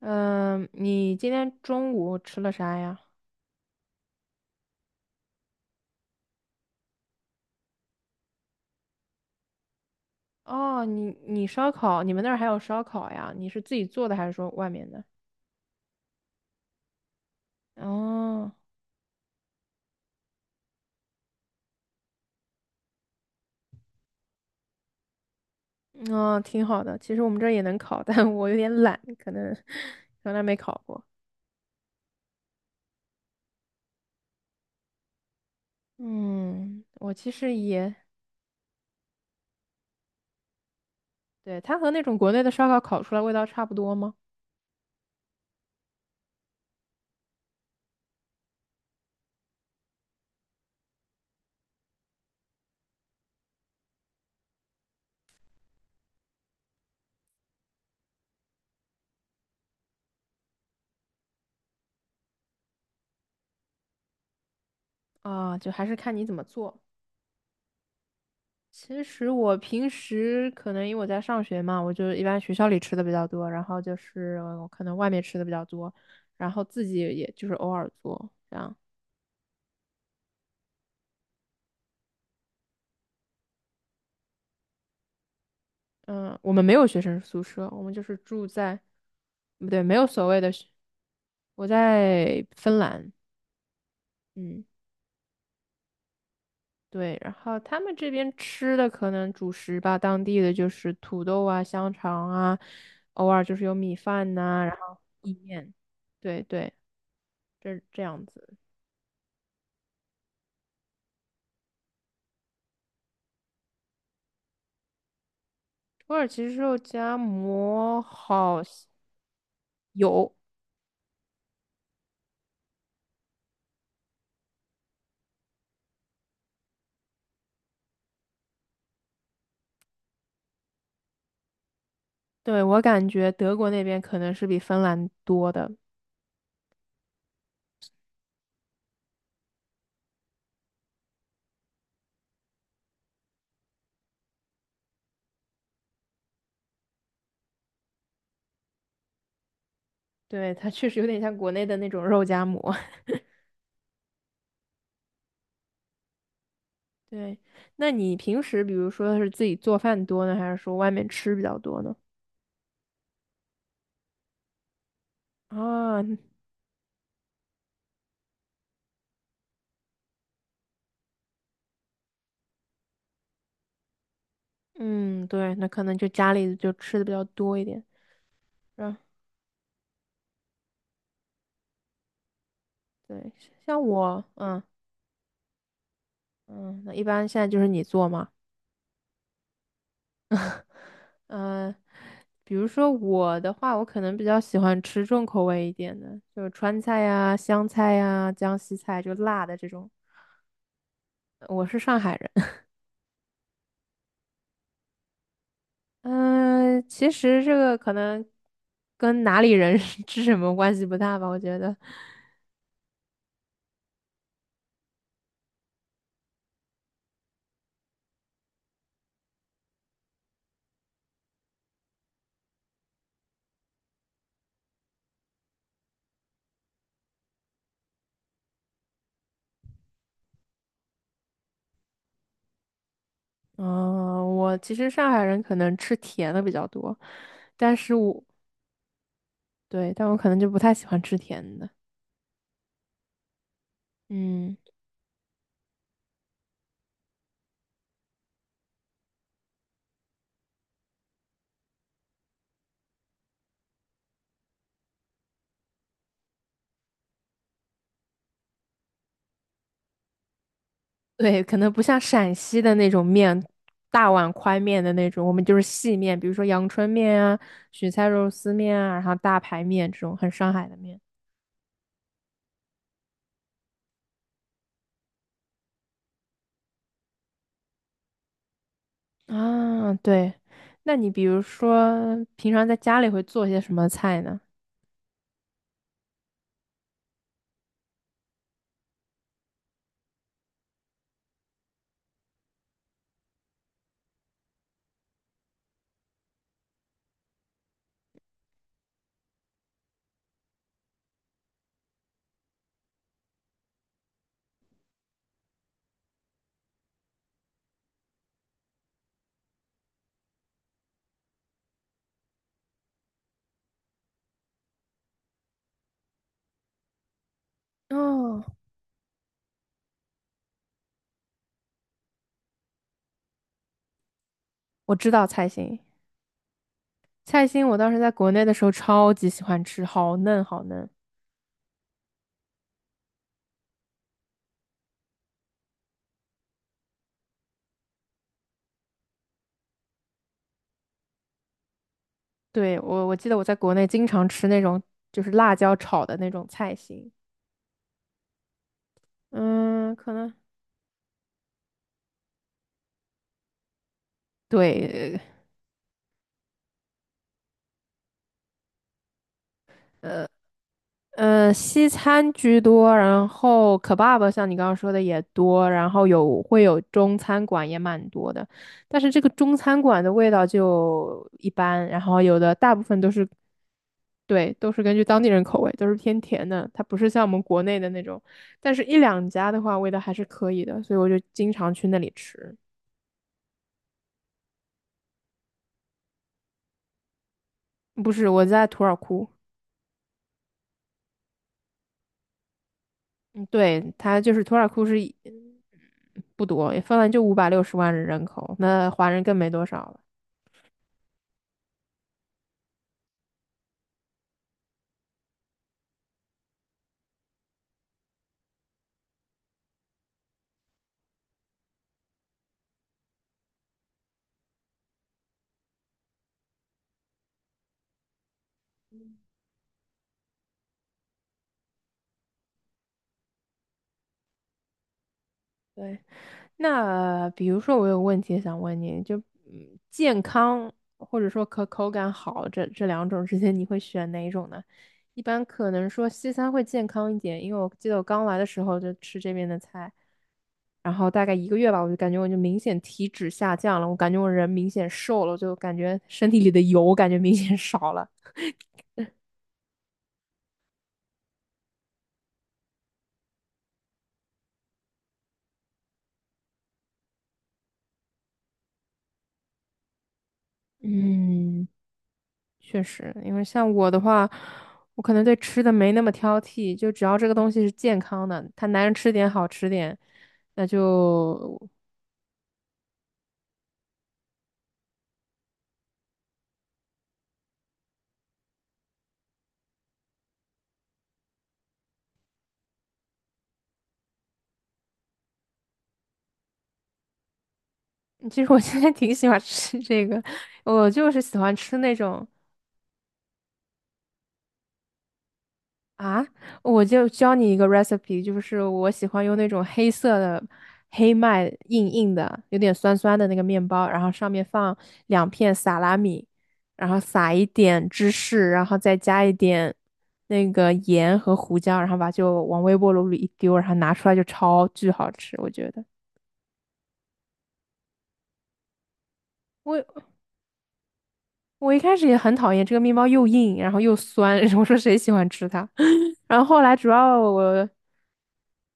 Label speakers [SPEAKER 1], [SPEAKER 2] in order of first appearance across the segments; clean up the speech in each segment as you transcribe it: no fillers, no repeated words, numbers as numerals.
[SPEAKER 1] 嗯，你今天中午吃了啥呀？哦，你烧烤，你们那儿还有烧烤呀？你是自己做的还是说外面的？哦，哦，挺好的。其实我们这儿也能烤，但我有点懒，可能从来没烤过。嗯，我其实也，对，它和那种国内的烧烤烤出来味道差不多吗？啊，就还是看你怎么做。其实我平时可能因为我在上学嘛，我就一般学校里吃的比较多，然后就是我可能外面吃的比较多，然后自己也就是偶尔做这样。嗯，我们没有学生宿舍，我们就是住在，不对，没有所谓的学我在芬兰，嗯，对，然后他们这边吃的可能主食吧，当地的就是土豆啊、香肠啊，偶尔就是有米饭呐、然后意面，对对，这这样子。土耳其肉夹馍好像有，对，我感觉德国那边可能是比芬兰多的，对，它确实有点像国内的那种肉夹馍。对，那你平时比如说是自己做饭多呢，还是说外面吃比较多呢？啊，嗯，对，那可能就家里就吃的比较多一点。嗯，对，像我，嗯嗯，那一般现在就是你做吗？嗯、呃比如说我的话，我可能比较喜欢吃重口味一点的，就川菜呀、湘菜呀、江西菜，就辣的这种。我是上海人，嗯、其实这个可能跟哪里人 吃什么关系不大吧，我觉得。嗯、我其实上海人可能吃甜的比较多，但是我对，但我可能就不太喜欢吃甜的。嗯。对，可能不像陕西的那种面，大碗宽面的那种，我们就是细面，比如说阳春面啊、雪菜肉丝面啊，然后大排面这种很上海的面啊。对，那你比如说平常在家里会做些什么菜呢？哦，我知道菜心，菜心我当时在国内的时候超级喜欢吃，好嫩好嫩。对，我记得我在国内经常吃那种就是辣椒炒的那种菜心，嗯，可能。对，嗯，西餐居多，然后可爸爸像你刚刚说的也多，然后有会有中餐馆也蛮多的，但是这个中餐馆的味道就一般，然后有的大部分都是，对，都是根据当地人口味，都是偏甜的，它不是像我们国内的那种，但是一两家的话味道还是可以的，所以我就经常去那里吃。不是，我在土尔库，嗯，对，它就是土尔库是一嗯不多，芬兰就560万人口，那华人更没多少了。对，那比如说我有问题想问你，就嗯，健康或者说可口感好这这两种之间，你会选哪一种呢？一般可能说西餐会健康一点，因为我记得我刚来的时候就吃这边的菜，然后大概一个月吧，我就感觉我就明显体脂下降了，我感觉我人明显瘦了，我就感觉身体里的油感觉明显少了。嗯，确实，因为像我的话，我可能对吃的没那么挑剔，就只要这个东西是健康的，他男人吃点好吃点，那就 其实我现在挺喜欢吃这个，我就是喜欢吃那种。啊，我就教你一个 recipe，就是我喜欢用那种黑色的黑麦硬硬的，有点酸酸的那个面包，然后上面放两片萨拉米，然后撒一点芝士，然后再加一点那个盐和胡椒，然后把就往微波炉里一丢，然后拿出来就超巨好吃，我觉得。我我一开始也很讨厌这个面包又硬，然后又酸，我说谁喜欢吃它？然后后来主要我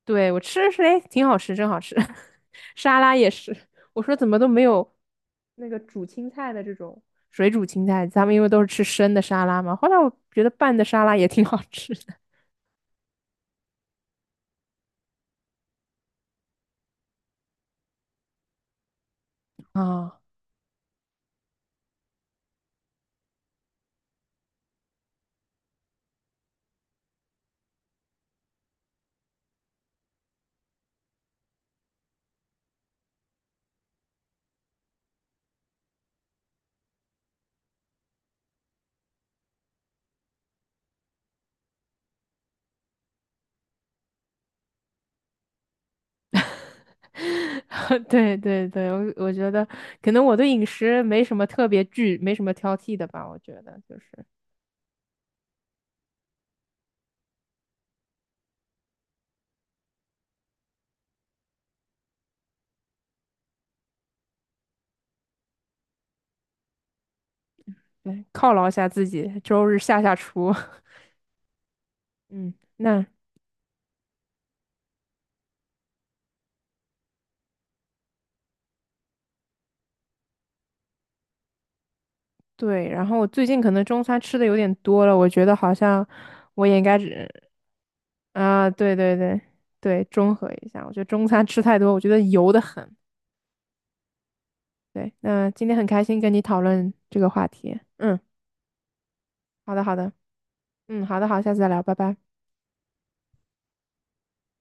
[SPEAKER 1] 对，我吃的是，哎，挺好吃，真好吃。沙拉也是，我说怎么都没有那个煮青菜的这种水煮青菜，咱们因为都是吃生的沙拉嘛。后来我觉得拌的沙拉也挺好吃的啊。对对对，我觉得可能我对饮食没什么特别惧，没什么挑剔的吧。我觉得就是对，犒劳一下自己，周日下下厨。嗯，那对。然后我最近可能中餐吃的有点多了，我觉得好像我也应该啊，对对对对，中和一下。我觉得中餐吃太多，我觉得油的很。对，那今天很开心跟你讨论这个话题。嗯，好的好的，嗯，好的好，下次再聊，拜拜。